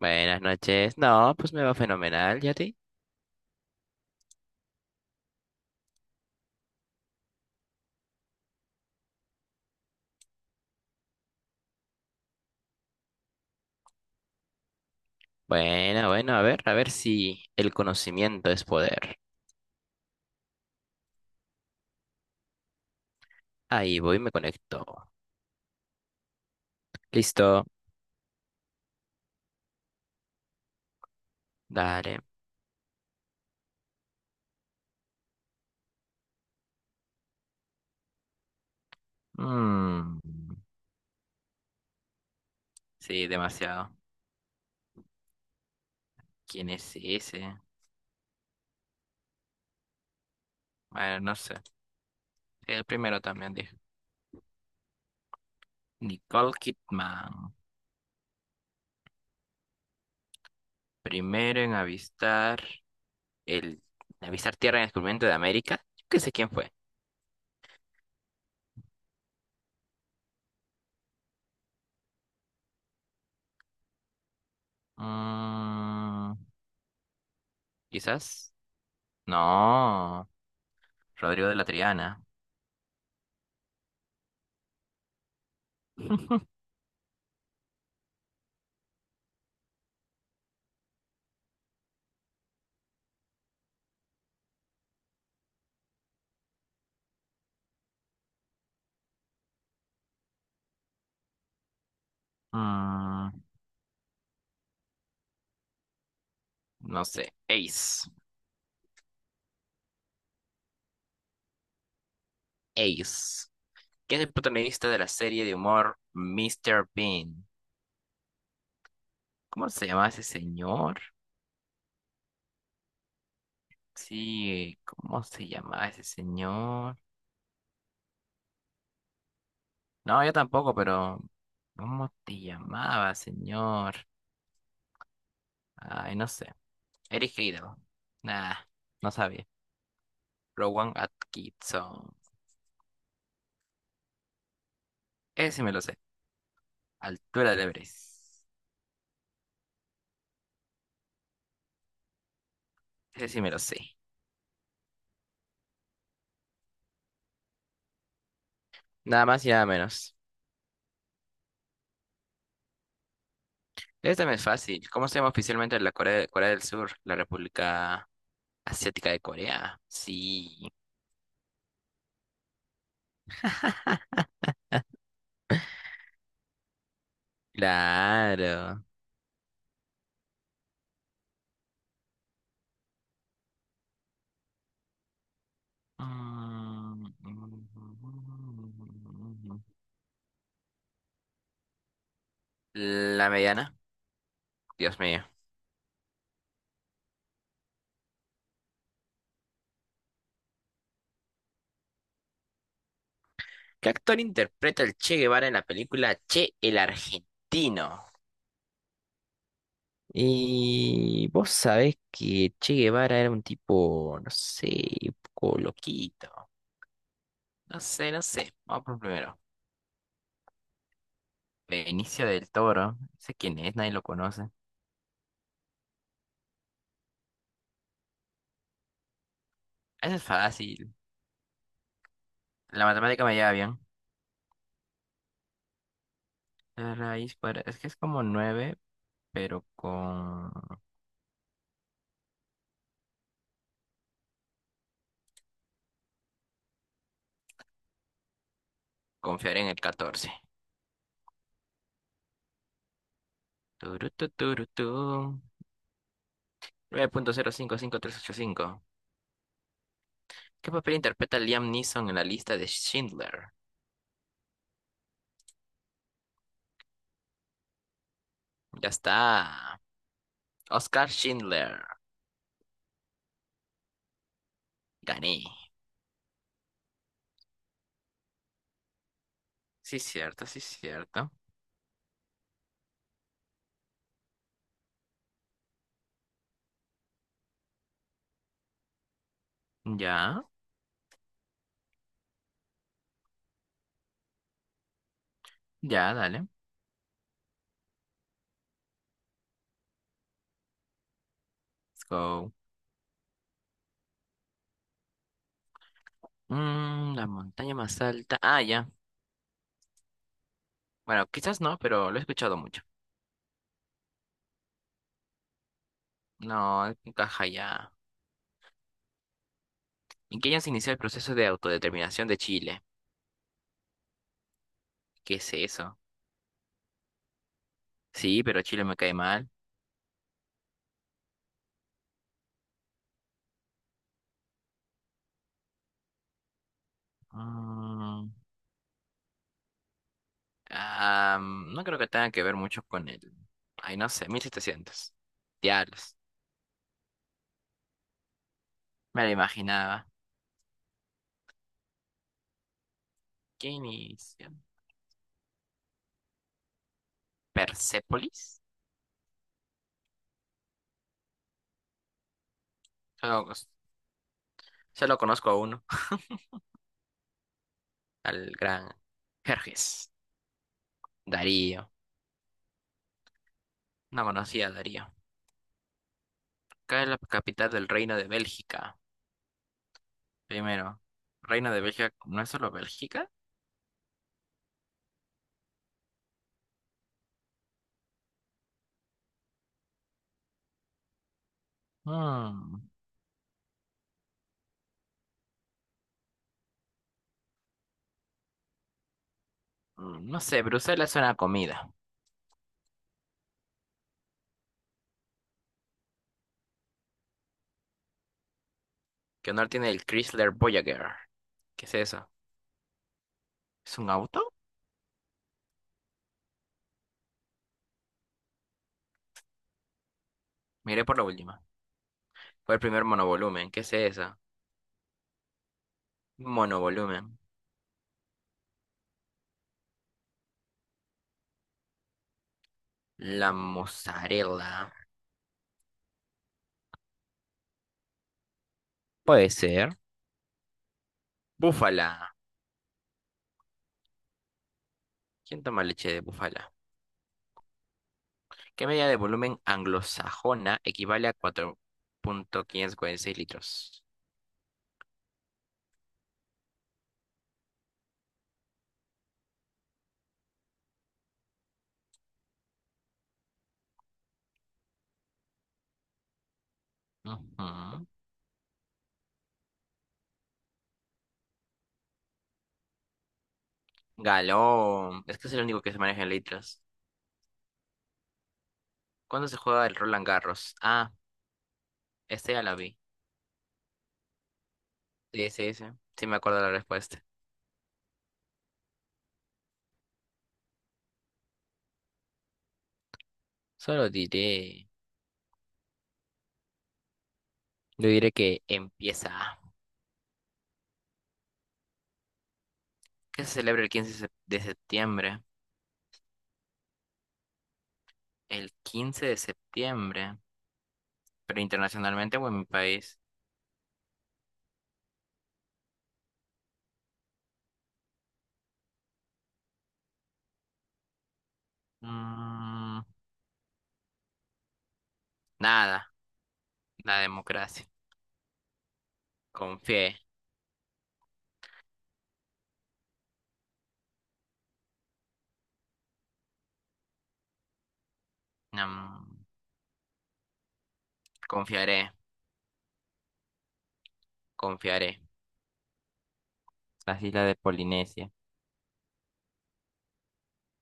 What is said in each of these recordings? Buenas noches. No, pues me va fenomenal, ¿y a ti? Bueno, bueno, a ver si el conocimiento es poder. Ahí voy, me conecto. Listo, dale. Mm, sí, demasiado. ¿Quién es ese? Bueno, no sé. El primero también dijo. Nicole Kidman. Primero en avistar el... en avistar tierra en el descubrimiento de América. Yo qué sé quién fue. Mm, Quizás. No, Rodrigo de la Triana. Mm, no sé. Ace. Ace. ¿Quién es el protagonista de la serie de humor Mr. Bean? ¿Cómo se llama ese señor? Sí, ¿cómo se llamaba ese señor? No, yo tampoco, pero ¿cómo te llamaba, señor? Ay, no sé. Eric Idle. Nah, no sabía. Rowan Atkinson. Ese sí me lo sé. Altura del Everest. Ese sí me lo sé. Nada más y nada menos. Esta me es fácil. ¿Cómo se llama oficialmente la Corea, Corea del Sur? La República Asiática de Corea. Sí, claro. Mm. La mediana. Dios mío. ¿Qué actor interpreta el Che Guevara en la película Che el Argentino? Y vos sabés que Che Guevara era un tipo, no sé, un poco loquito. No sé, no sé. Vamos por primero. Benicio del Toro. No sé quién es, nadie lo conoce. Eso es fácil. La matemática me lleva bien. La raíz cuadrada. Es que es como nueve pero con confiar en el 14. Turu, tu, turu, tu. 9,055385. ¿Qué papel interpreta Liam Neeson en la lista de Schindler? Ya está. Oscar Schindler. Gané. Sí, cierto, sí, cierto. Ya, ya, dale. Let's go. La montaña más alta. Ah, ya. Bueno, quizás no, pero lo he escuchado mucho. No, encaja ya. ¿En qué año se inició el proceso de autodeterminación de Chile? ¿Qué es eso? Sí, pero Chile me cae mal. Mm, no creo que tenga que ver mucho con el... Ay, no sé, 1700. Diablos. Me lo imaginaba. ¿Qué inició? ¿Persépolis? Solo, solo conozco a uno, al gran Jerjes. Darío. No conocía a Darío. Acá es la capital del Reino de Bélgica. Primero, ¿Reino de Bélgica no es solo Bélgica? Mm. No sé, Bruselas es una comida. ¿Qué honor tiene el Chrysler Voyager? ¿Qué es eso? ¿Es un auto? Miré por la última. Fue el primer monovolumen. ¿Qué es eso? Monovolumen. La mozzarella. Puede ser. Búfala. ¿Quién toma leche de búfala? ¿Qué medida de volumen anglosajona equivale a 4,546 litros? Ujú. Galón. Es que es el único que se maneja en litros. ¿Cuándo se juega el Roland Garros? Ah, este ya la vi. Sí, sí, sí. Sí me acuerdo la respuesta. Solo diré, yo diré que empieza. ¿Qué se celebra el de septiembre? El 15 de septiembre, pero internacionalmente o en mi país. Mm, Nada, la democracia. Confié, mm, confiaré, confiaré. Las islas de Polinesia.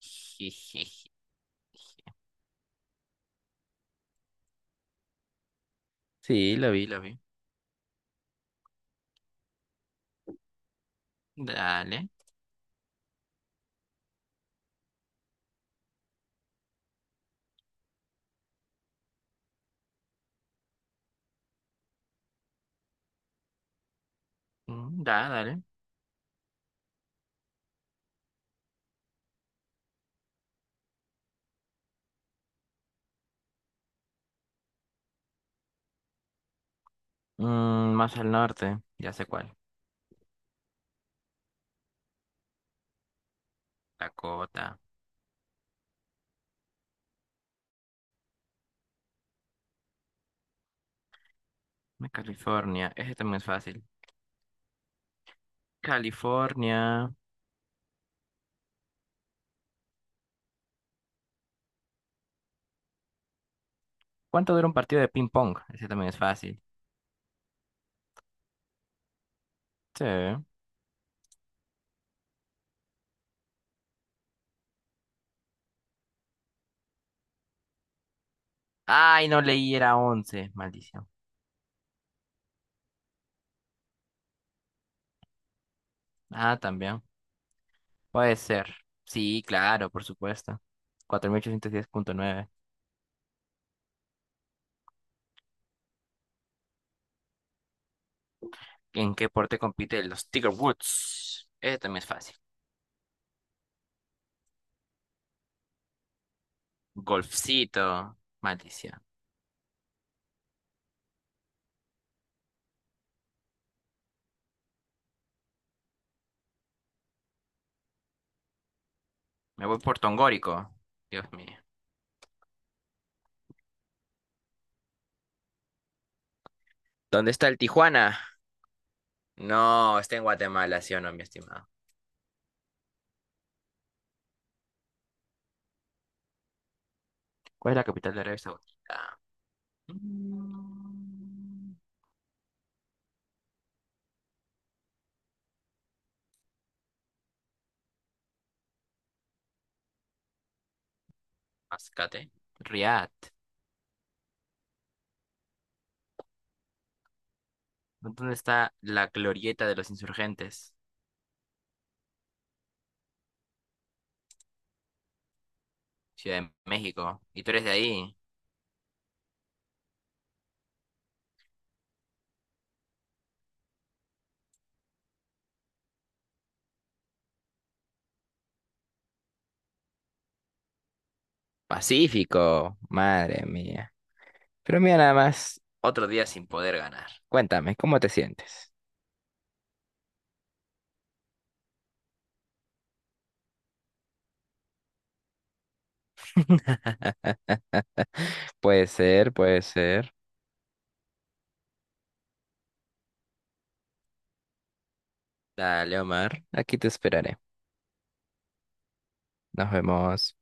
Jijiji. Sí, lo vi, lo vi. Dale, dale. Más al norte, ya sé cuál. Dakota. California, ese también es fácil. California. ¿Cuánto dura un partido de ping pong? Ese también es fácil. Sí. Ay, no leí, era 11, maldición. Ah, también. Puede ser. Sí, claro, por supuesto. 4810,9. ¿En qué deporte compiten los Tiger Woods? Ese también es fácil. Golfcito, maldición. Me voy por Tongórico. Dios mío. ¿Dónde está el Tijuana? No, está en Guatemala, sí o no, mi estimado. ¿Cuál es la capital de Arabia Saudita? Mm, Mascate. Riad. ¿Dónde está la glorieta de los insurgentes? Ciudad de México. Y tú eres de ahí. Pacífico, madre mía. Pero mira nada más, otro día sin poder ganar. Cuéntame, ¿cómo te sientes? Puede ser, puede ser. Dale, Omar. Aquí te esperaré. Nos vemos.